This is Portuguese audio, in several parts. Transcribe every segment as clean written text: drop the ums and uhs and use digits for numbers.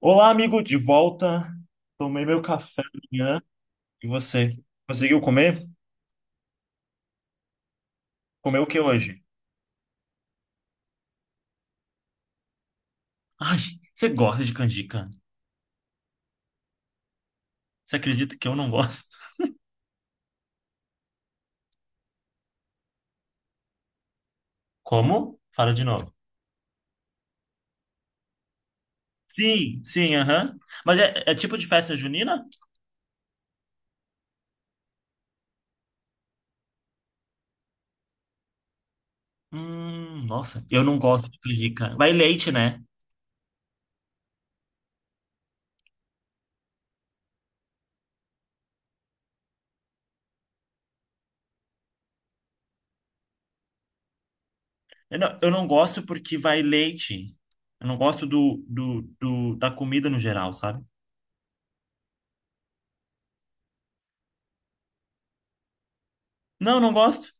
Olá, amigo, de volta. Tomei meu café da manhã. E você? Conseguiu comer? Comeu o que hoje? Ai, você gosta de canjica? Você acredita que eu não gosto? Como? Fala de novo. Sim, sim, aham. Mas é tipo de festa junina? Nossa, eu não gosto de canjica. Vai leite, né? Eu não gosto porque vai leite. Eu não gosto da comida no geral, sabe? Não, não gosto.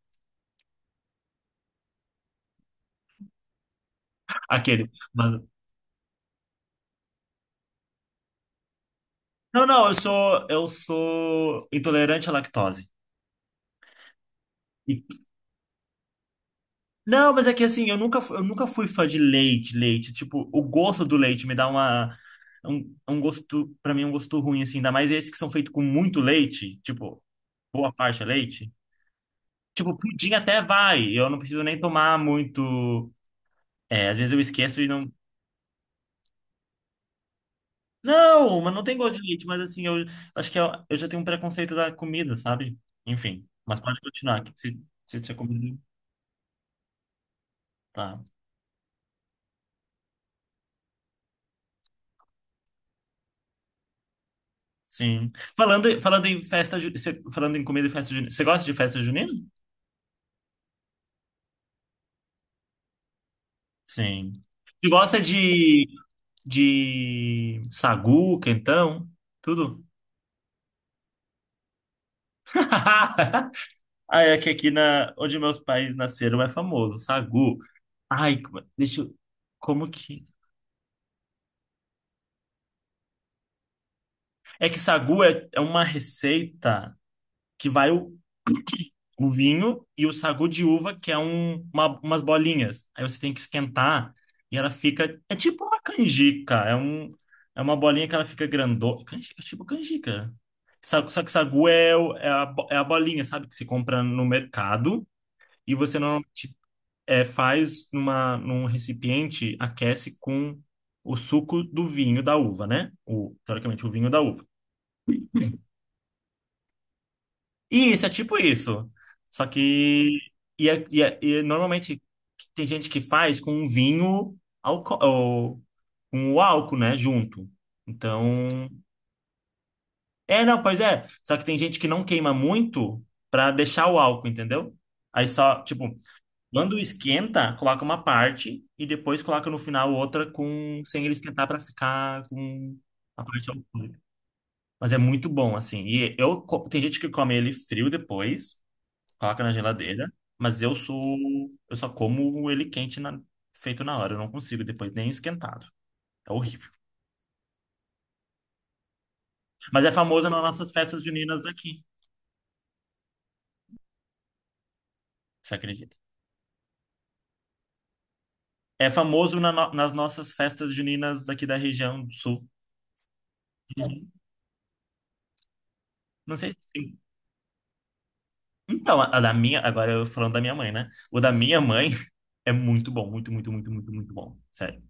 Aquele. Mas, não, não, eu sou intolerante à lactose. E- Não, mas é que assim, eu nunca fui fã de leite, leite. Tipo, o gosto do leite me dá um gosto, pra mim, é um gosto ruim, assim. Ainda mais esses que são feitos com muito leite, tipo, boa parte é leite. Tipo, pudim até vai, eu não preciso nem tomar muito. É, às vezes eu esqueço e não. Não, mas não tem gosto de leite, mas assim, eu acho que eu já tenho um preconceito da comida, sabe? Enfim, mas pode continuar, que se tinha comido. Tá. Sim. Falando em comida e festa junina, você gosta de festa junina? Sim. Você gosta de sagu, quentão, tudo? Ah, é que aqui, onde meus pais nasceram é famoso, sagu. Ai, deixa eu, como que... É que sagu é uma receita que vai o vinho e o sagu de uva, que é umas bolinhas. Aí você tem que esquentar e ela fica. É tipo uma canjica. É uma bolinha que ela fica grandona. Canjica, tipo canjica. Só que sagu é a bolinha, sabe? Que se compra no mercado e você normalmente faz num recipiente, aquece com o suco do vinho da uva, né? Teoricamente, o vinho da uva. Isso, é tipo isso. Só que. E normalmente tem gente que faz com um vinho alco ou, com o álcool, né? Junto. Então. É, não, pois é. Só que tem gente que não queima muito pra deixar o álcool, entendeu? Aí só, tipo, quando esquenta, coloca uma parte e depois coloca no final outra sem ele esquentar pra ficar com a parte alcoólica. Mas é muito bom, assim. Tem gente que come ele frio depois. Coloca na geladeira, mas eu só como ele quente, feito na hora, eu não consigo depois nem esquentado. É horrível. Mas é famoso nas nossas festas juninas daqui, você acredita? É famoso na no- nas nossas festas juninas daqui da região do sul. Não sei se. Então, agora eu falando da minha mãe, né? O da minha mãe é muito bom, muito, muito, muito, muito, muito bom. Sério.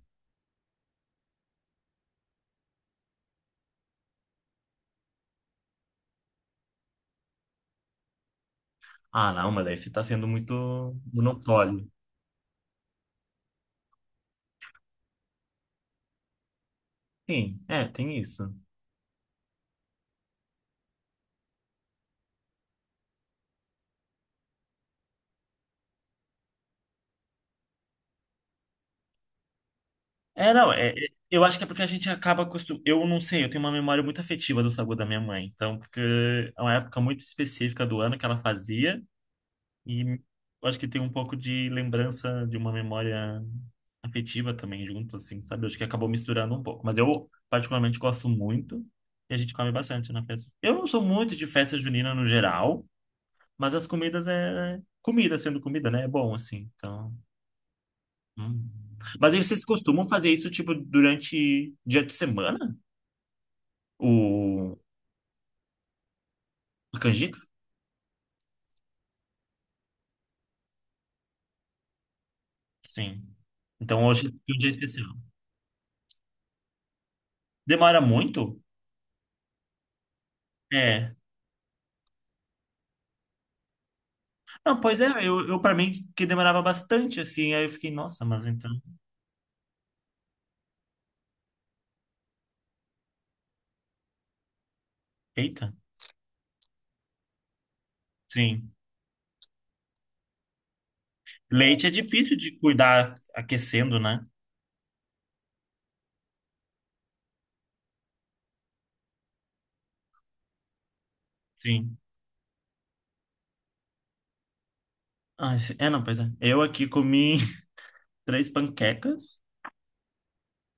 Ah, não, mas aí você tá sendo muito monopólio. Sim, é, tem isso. É, não, eu acho que é porque a gente acaba acostum... Eu não sei, eu tenho uma memória muito afetiva do sagu da minha mãe. Então, porque é uma época muito específica do ano que ela fazia e eu acho que tem um pouco de lembrança de uma memória afetiva também junto, assim, sabe? Eu acho que acabou misturando um pouco. Mas eu particularmente gosto muito e a gente come bastante na festa. Eu não sou muito de festa junina no geral, mas as comidas é... Comida sendo comida, né? É bom, assim, então... Hum. Mas aí vocês costumam fazer isso, tipo, durante dia de semana? O... A canjica? Sim. Então hoje é um dia especial. Demora muito? É. Não, pois é, eu para mim que demorava bastante, assim, aí eu fiquei, nossa, mas então. Eita. Sim. Leite é difícil de cuidar aquecendo, né? Sim. Ah, é, não, pois é. Eu aqui comi três panquecas.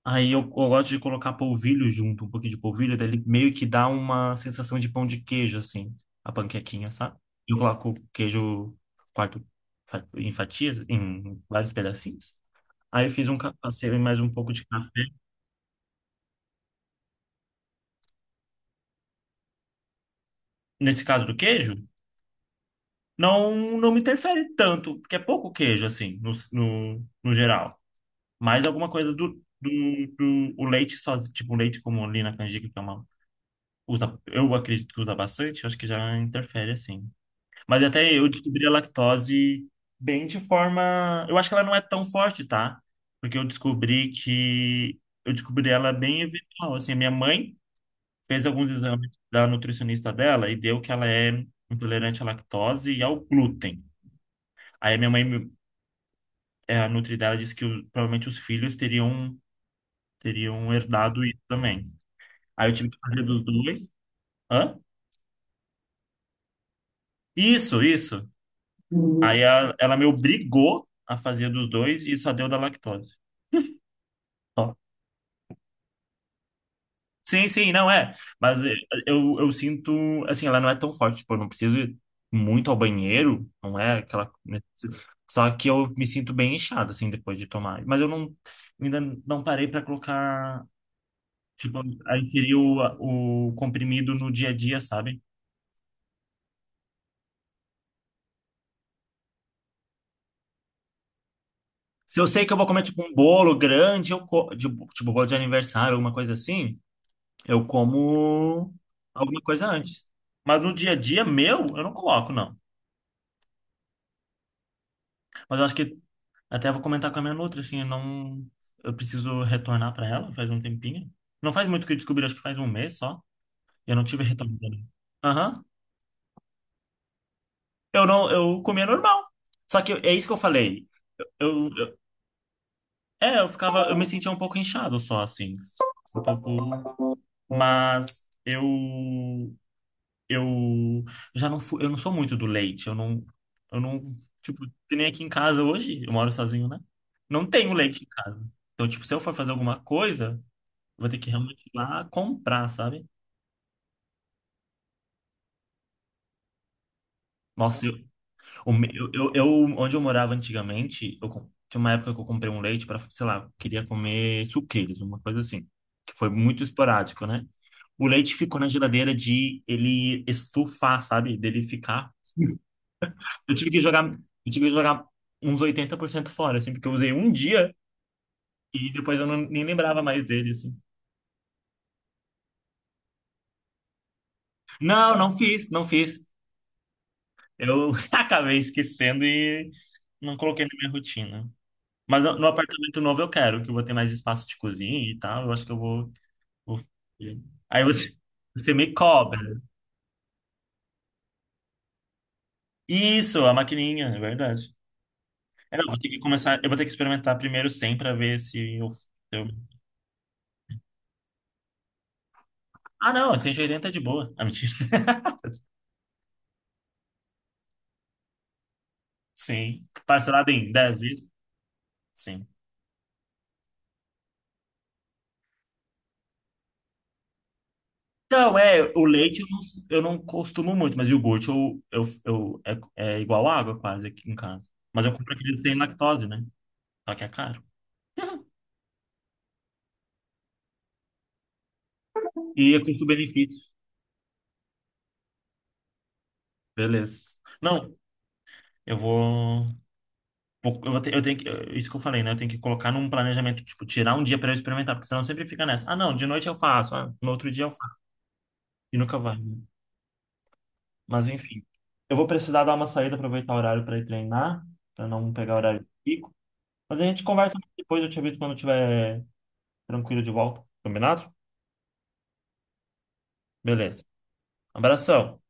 Aí eu gosto de colocar polvilho junto, um pouquinho de polvilho, daí ele meio que dá uma sensação de pão de queijo, assim, a panquequinha, sabe? Eu coloco queijo quarto em fatias, em vários pedacinhos. Aí eu passei mais um pouco de café. Nesse caso do queijo, não me interfere tanto, porque é pouco queijo, assim, no geral. Mais alguma coisa do, do o leite só, tipo, o leite como ali na canjica, que é uma, usa, eu acredito que usa bastante, eu acho que já interfere, assim. Mas até eu descobri a lactose bem de forma. Eu acho que ela não é tão forte, tá? Porque eu descobri que. Eu descobri ela bem eventual. Assim, a minha mãe fez alguns exames da nutricionista dela e deu que ela é intolerante à lactose e ao glúten. Aí a minha mãe, a nutri dela, disse que provavelmente os filhos teriam, herdado isso também. Aí eu tive que fazer dos dois. Hã? Isso, isso. Aí ela me obrigou a fazer dos dois e só deu da lactose. Sim, sim, não é. Mas eu sinto, assim, ela não é tão forte, tipo, eu não preciso ir muito ao banheiro, não é aquela, né. Só que eu me sinto bem inchado, assim, depois de tomar. Mas eu não, ainda não parei pra colocar, tipo, a inserir o comprimido no dia a dia, sabe? Se eu sei que eu vou comer, tipo, um bolo grande, tipo, bolo de aniversário, alguma coisa assim, eu como alguma coisa antes. Mas no dia a dia meu, eu não coloco, não. Mas eu acho que até vou comentar com a minha nutra, assim, eu não... Eu preciso retornar para ela, faz um tempinho. Não faz muito que eu descobri, acho que faz um mês só. Eu não tive retorno dela. Aham. Eu não... Eu comia normal. Só que é isso que eu falei. Eu- É, eu ficava... Eu me sentia um pouco inchado só, assim. Um pouco... Mas eu... Eu já não fui... Eu não sou muito do leite. Eu não... Tipo, que nem aqui em casa hoje. Eu moro sozinho, né? Não tenho leite em casa. Então, tipo, se eu for fazer alguma coisa... Vou ter que realmente ir lá comprar, sabe? Nossa, eu, o me- eu- onde eu morava antigamente, tinha uma época que eu comprei um leite para, sei lá, queria comer suqueiros, uma coisa assim, que foi muito esporádico, né? O leite ficou na geladeira de ele estufar, sabe? Dele ficar. Eu tive que jogar, eu tive que jogar uns 80% fora, assim, porque eu usei um dia e depois eu não, nem lembrava mais dele, assim. Não, não fiz, não fiz. Eu acabei esquecendo e não coloquei na minha rotina. Mas no apartamento novo eu quero, que eu vou ter mais espaço de cozinha e tal. Eu acho que eu vou. Aí você me cobra. Isso, a maquininha, é verdade. É, não, eu vou ter que começar. Eu vou ter que experimentar primeiro 100 pra ver se eu. Ah, não, 180 é de boa. Ah, mentira. Sim. Parcelado em 10 vezes? Sim. Então, é, o leite eu não costumo muito, mas o iogurte é igual água quase aqui em casa. Mas eu compro aquele sem lactose, né? Só que é caro. E é custo-benefício. Beleza. Não, eu eu tenho que. Isso que eu falei, né? Eu tenho que colocar num planejamento, tipo, tirar um dia para eu experimentar, porque senão sempre fica nessa. Ah, não, de noite eu faço, ah, no outro dia eu faço. E nunca vai, né? Mas enfim. Eu vou precisar dar uma saída, aproveitar o horário para ir treinar, para não pegar o horário de pico. Mas a gente conversa mais depois, eu te aviso quando eu estiver tranquilo de volta. Combinado? Beleza. Abração.